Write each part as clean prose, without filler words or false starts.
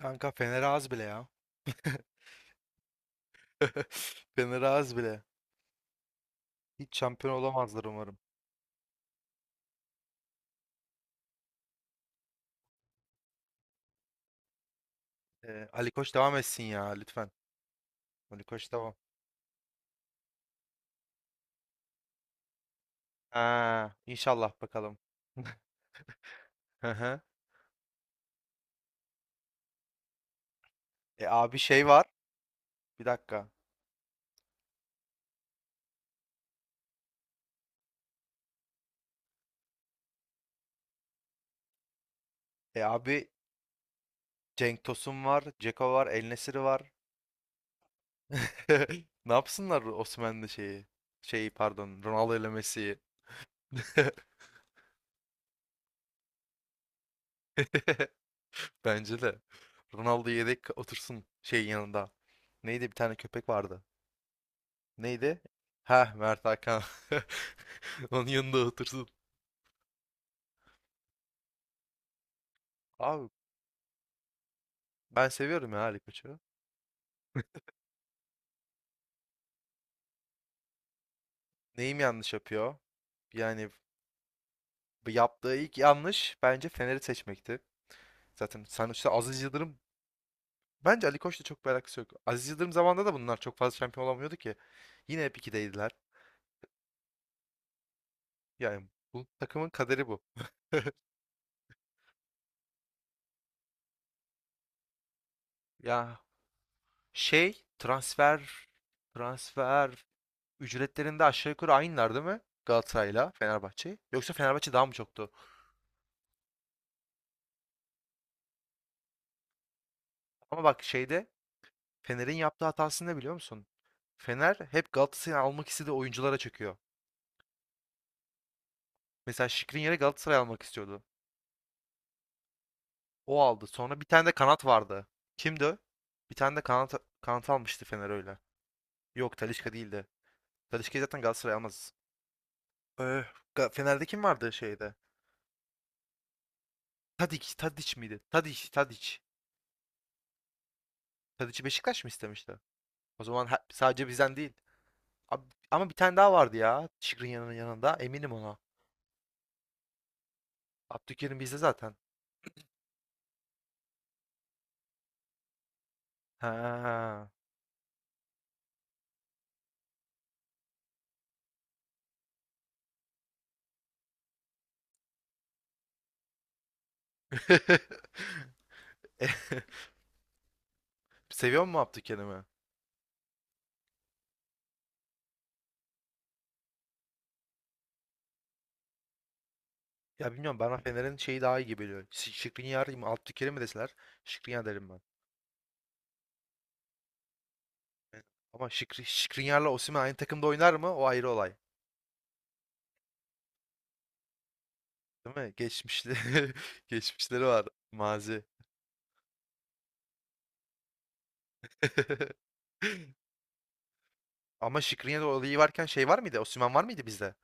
Kanka Fener az bile ya. Fener az bile. Hiç şampiyon olamazlar umarım. Ali Koç devam etsin ya lütfen. Ali Koç devam. Ha, inşallah bakalım. Hı hı. E abi şey var. Bir dakika. E abi Cenk Tosun var, Ceko var, El Nesiri var. Ne yapsınlar Osimhen'le şeyi? Şeyi pardon, Ronaldo ile Messi'yi. Bence de. Ronaldo yedek otursun şey yanında. Neydi bir tane köpek vardı. Neydi? Ha Mert Hakan. Onun yanında otursun. Abi ben seviyorum ya Ali Koç'u. Neyim yanlış yapıyor? Yani bu yaptığı ilk yanlış bence Fener'i seçmekti. Zaten sonuçta Aziz Yıldırım bence Ali Koç'la çok bir alakası yok. Aziz Yıldırım zamanında da bunlar çok fazla şampiyon olamıyordu ki. Yine hep ikideydiler. Yani bu takımın kaderi bu. Ya şey transfer transfer ücretlerinde aşağı yukarı aynılar değil mi? Galatasaray'la Fenerbahçe. Yoksa Fenerbahçe daha mı çoktu? Ama bak şeyde Fener'in yaptığı hatasını ne biliyor musun? Fener hep Galatasaray'ı almak istediği oyunculara çöküyor. Mesela Şikrin yere Galatasaray almak istiyordu. O aldı. Sonra bir tane de kanat vardı. Kimdi o? Bir tane de kanat almıştı Fener öyle. Yok Talisca değildi. Talisca'yı zaten Galatasaray almaz. Ee, Ga- Fener'de kim vardı şeyde? Tadic, Tadic miydi? Tadic, Tadic. Tadic'i Beşiktaş mı istemişti? O zaman he- sadece bizden değil. Ab- ama bir tane daha vardı ya. Şikrin yanının yanında. Eminim ona. Abdülkerim bizde zaten. Ha. Seviyor mu Abdülkerim'i? Ya bilmiyorum bana Fener'in şeyi daha iyi gibi geliyor. Şi- Skriniar mı Abdülkerim mi deseler Skriniar derim ben. Ama Şikri, Skriniar'la Osimhen aynı takımda oynar mı? O ayrı olay. Değil mi? Geçmişli geçmişleri var. Mazi. Ama Skriniar olayı varken şey var mıydı? Osimhen var mıydı bizde?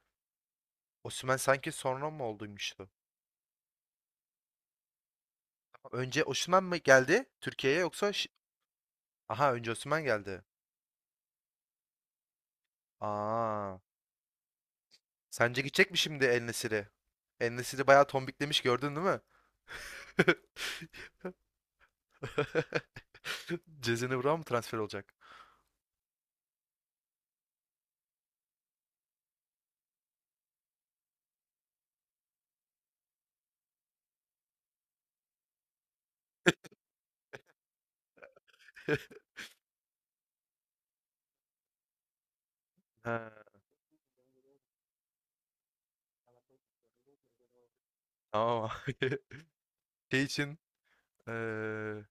Osimhen sanki sonra mı olduymuştu? Önce Osimhen mi geldi Türkiye'ye yoksa Şi- Aha önce Osimhen geldi. Aa. Sence gidecek mi şimdi El Nesir'e? El Nesir'i bayağı tombiklemiş gördün değil mi? Cezene Burak'a mı transfer olacak? Ha, tamam abi. Şey için eee,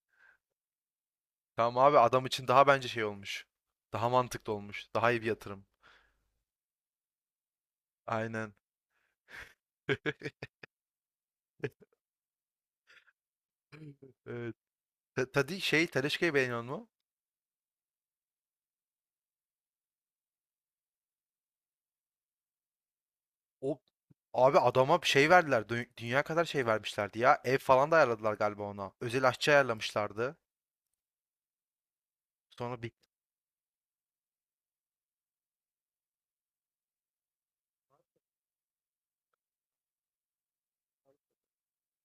tamam abi adam için daha bence şey olmuş. Daha mantıklı olmuş. Daha iyi bir yatırım. Aynen. Evet. Ta- Tadi şey Tedesco'yu beğeniyor mu? O abi adama bir şey verdiler. Dü- Dünya kadar şey vermişlerdi ya. Ev falan da ayarladılar galiba ona. Özel aşçı ayarlamışlardı. Sonra bir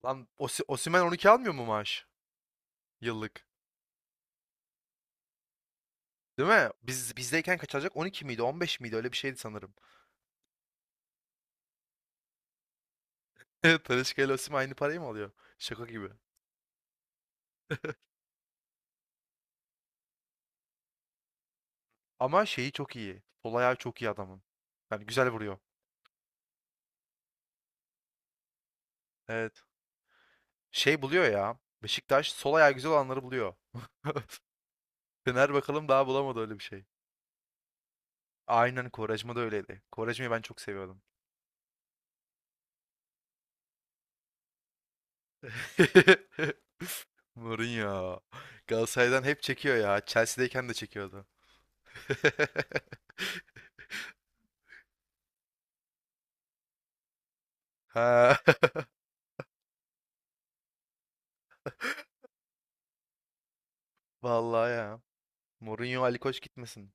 lan Osi- Osimhen 12 almıyor mu maaş? Yıllık. Değil mi? Biz bizdeyken kaç alacak? 12 miydi? 15 miydi? Öyle bir şeydi sanırım. Talisca ile Osimhen aynı parayı mı alıyor? Şaka gibi. Ama şeyi çok iyi. Sol ayağı çok iyi adamın. Yani güzel vuruyor. Evet. Şey buluyor ya. Beşiktaş sol ayağı güzel olanları buluyor. Fener bakalım daha bulamadı öyle bir şey. Aynen Quaresma da öyleydi. Quaresma'yı ben çok seviyordum. Mourinho. Galatasaray'dan hep çekiyor ya. Chelsea'deyken de çekiyordu. Ha. Vallahi ya. Mourinho Ali Koç gitmesin.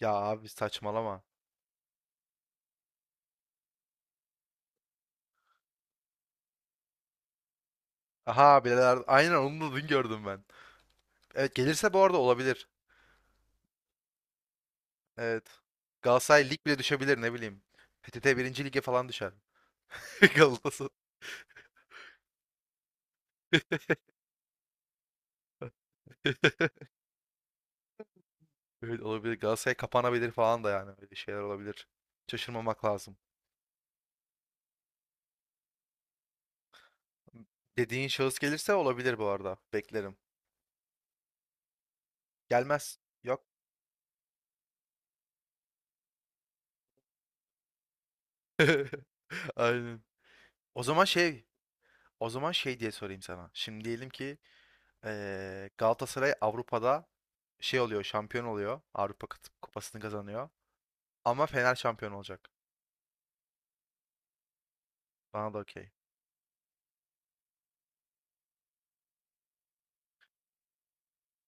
Ya abi saçmalama. Aha bileler. Aynen onu da dün gördüm ben. Evet gelirse bu arada olabilir. Evet. Galatasaray lig bile düşebilir ne bileyim. PTT birinci lige falan düşer. Galatasaray. Evet olabilir. Galatasaray kapanabilir falan da yani. Öyle şeyler olabilir. Şaşırmamak lazım. Dediğin şahıs gelirse olabilir bu arada. Beklerim. Gelmez. Yok. Aynen. O zaman şey, o zaman şey diye sorayım sana. Şimdi diyelim ki Galatasaray Avrupa'da şey oluyor, şampiyon oluyor. Avrupa Kıt- Kupası'nı kazanıyor. Ama Fener şampiyon olacak. Bana da okey.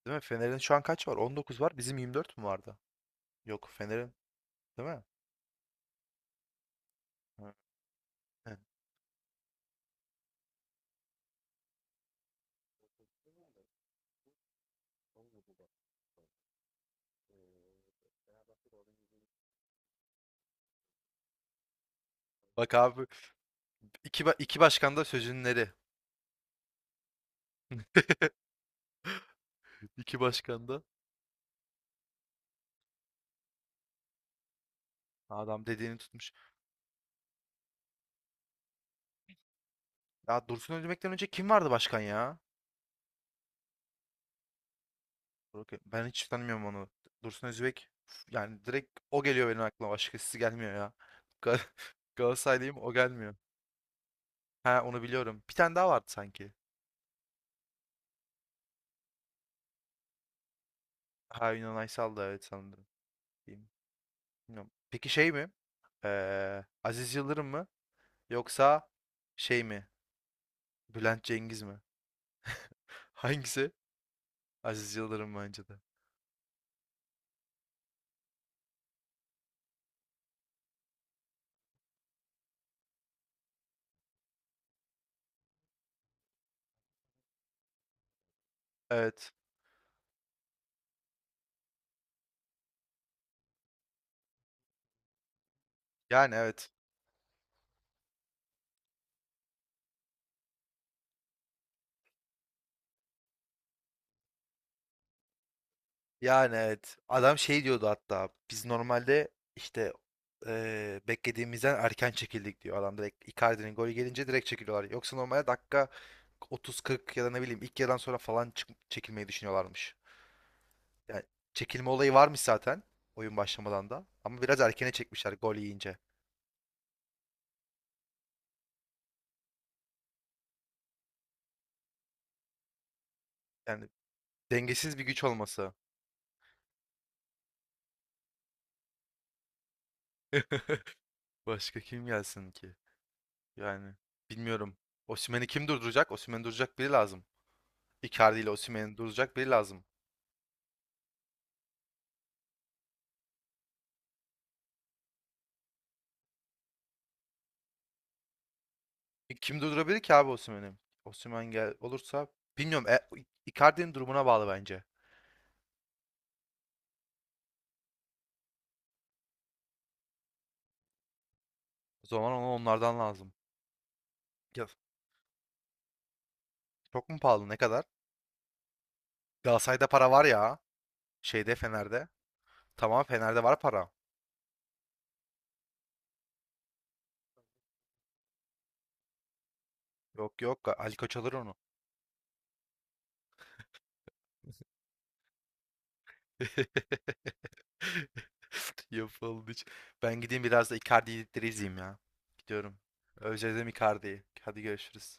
Değil mi? Fener'in şu an kaç var? 19 var. Bizim 24 mü vardı? Yok Fener'in değil mi? Ha, he. Bak abi iki, ba- iki başkan da sözünleri. İki başkan da adam dediğini tutmuş. Ya Dursun Özbek'ten önce kim vardı başkan ya? Dur bakayım. Ben hiç tanımıyorum onu. Dursun Özbek yani direkt o geliyor benim aklıma. Başkası gelmiyor ya. Gal- Galatasaraylıyım o gelmiyor. Ha onu biliyorum. Bir tane daha vardı sanki. Ha Yunan Aysal da evet sanırım. Diyeyim. Bilmiyorum. Peki şey mi? Aziz Yıldırım mı? Yoksa şey mi? Bülent Cengiz mi? Hangisi? Aziz Yıldırım bence de. Evet. Yani evet. Yani evet. Adam şey diyordu hatta. Biz normalde işte beklediğimizden erken çekildik diyor. Adam direkt Icardi'nin golü gelince direkt çekiliyorlar. Yoksa normalde dakika 30-40 ya da ne bileyim ilk yarıdan sonra falan çık- çekilmeyi düşünüyorlarmış. Yani çekilme olayı varmış zaten oyun başlamadan da. Ama biraz erkene çekmişler gol yiyince. Yani dengesiz bir güç olması. Başka kim gelsin ki? Yani bilmiyorum. Osimhen'i kim durduracak? Osimhen'i durduracak biri lazım. Icardi ile Osimhen'i durduracak biri lazım. E, kim durdurabilir ki abi Osimhen'i? Osimhen gel olursa bilmiyorum. E, Icardi'nin durumuna bağlı bence. O zaman ona onlardan lazım. Ya, çok mu pahalı? Ne kadar? Galatasaray'da para var ya. Şeyde Fener'de. Tamam Fener'de var para. Yok yok Ali Koç alır onu. Yapıldı. Hiç. Ben gideyim biraz da Icardi'leri izleyeyim ya. Gidiyorum. Özledim Icardi'yi. Hadi görüşürüz.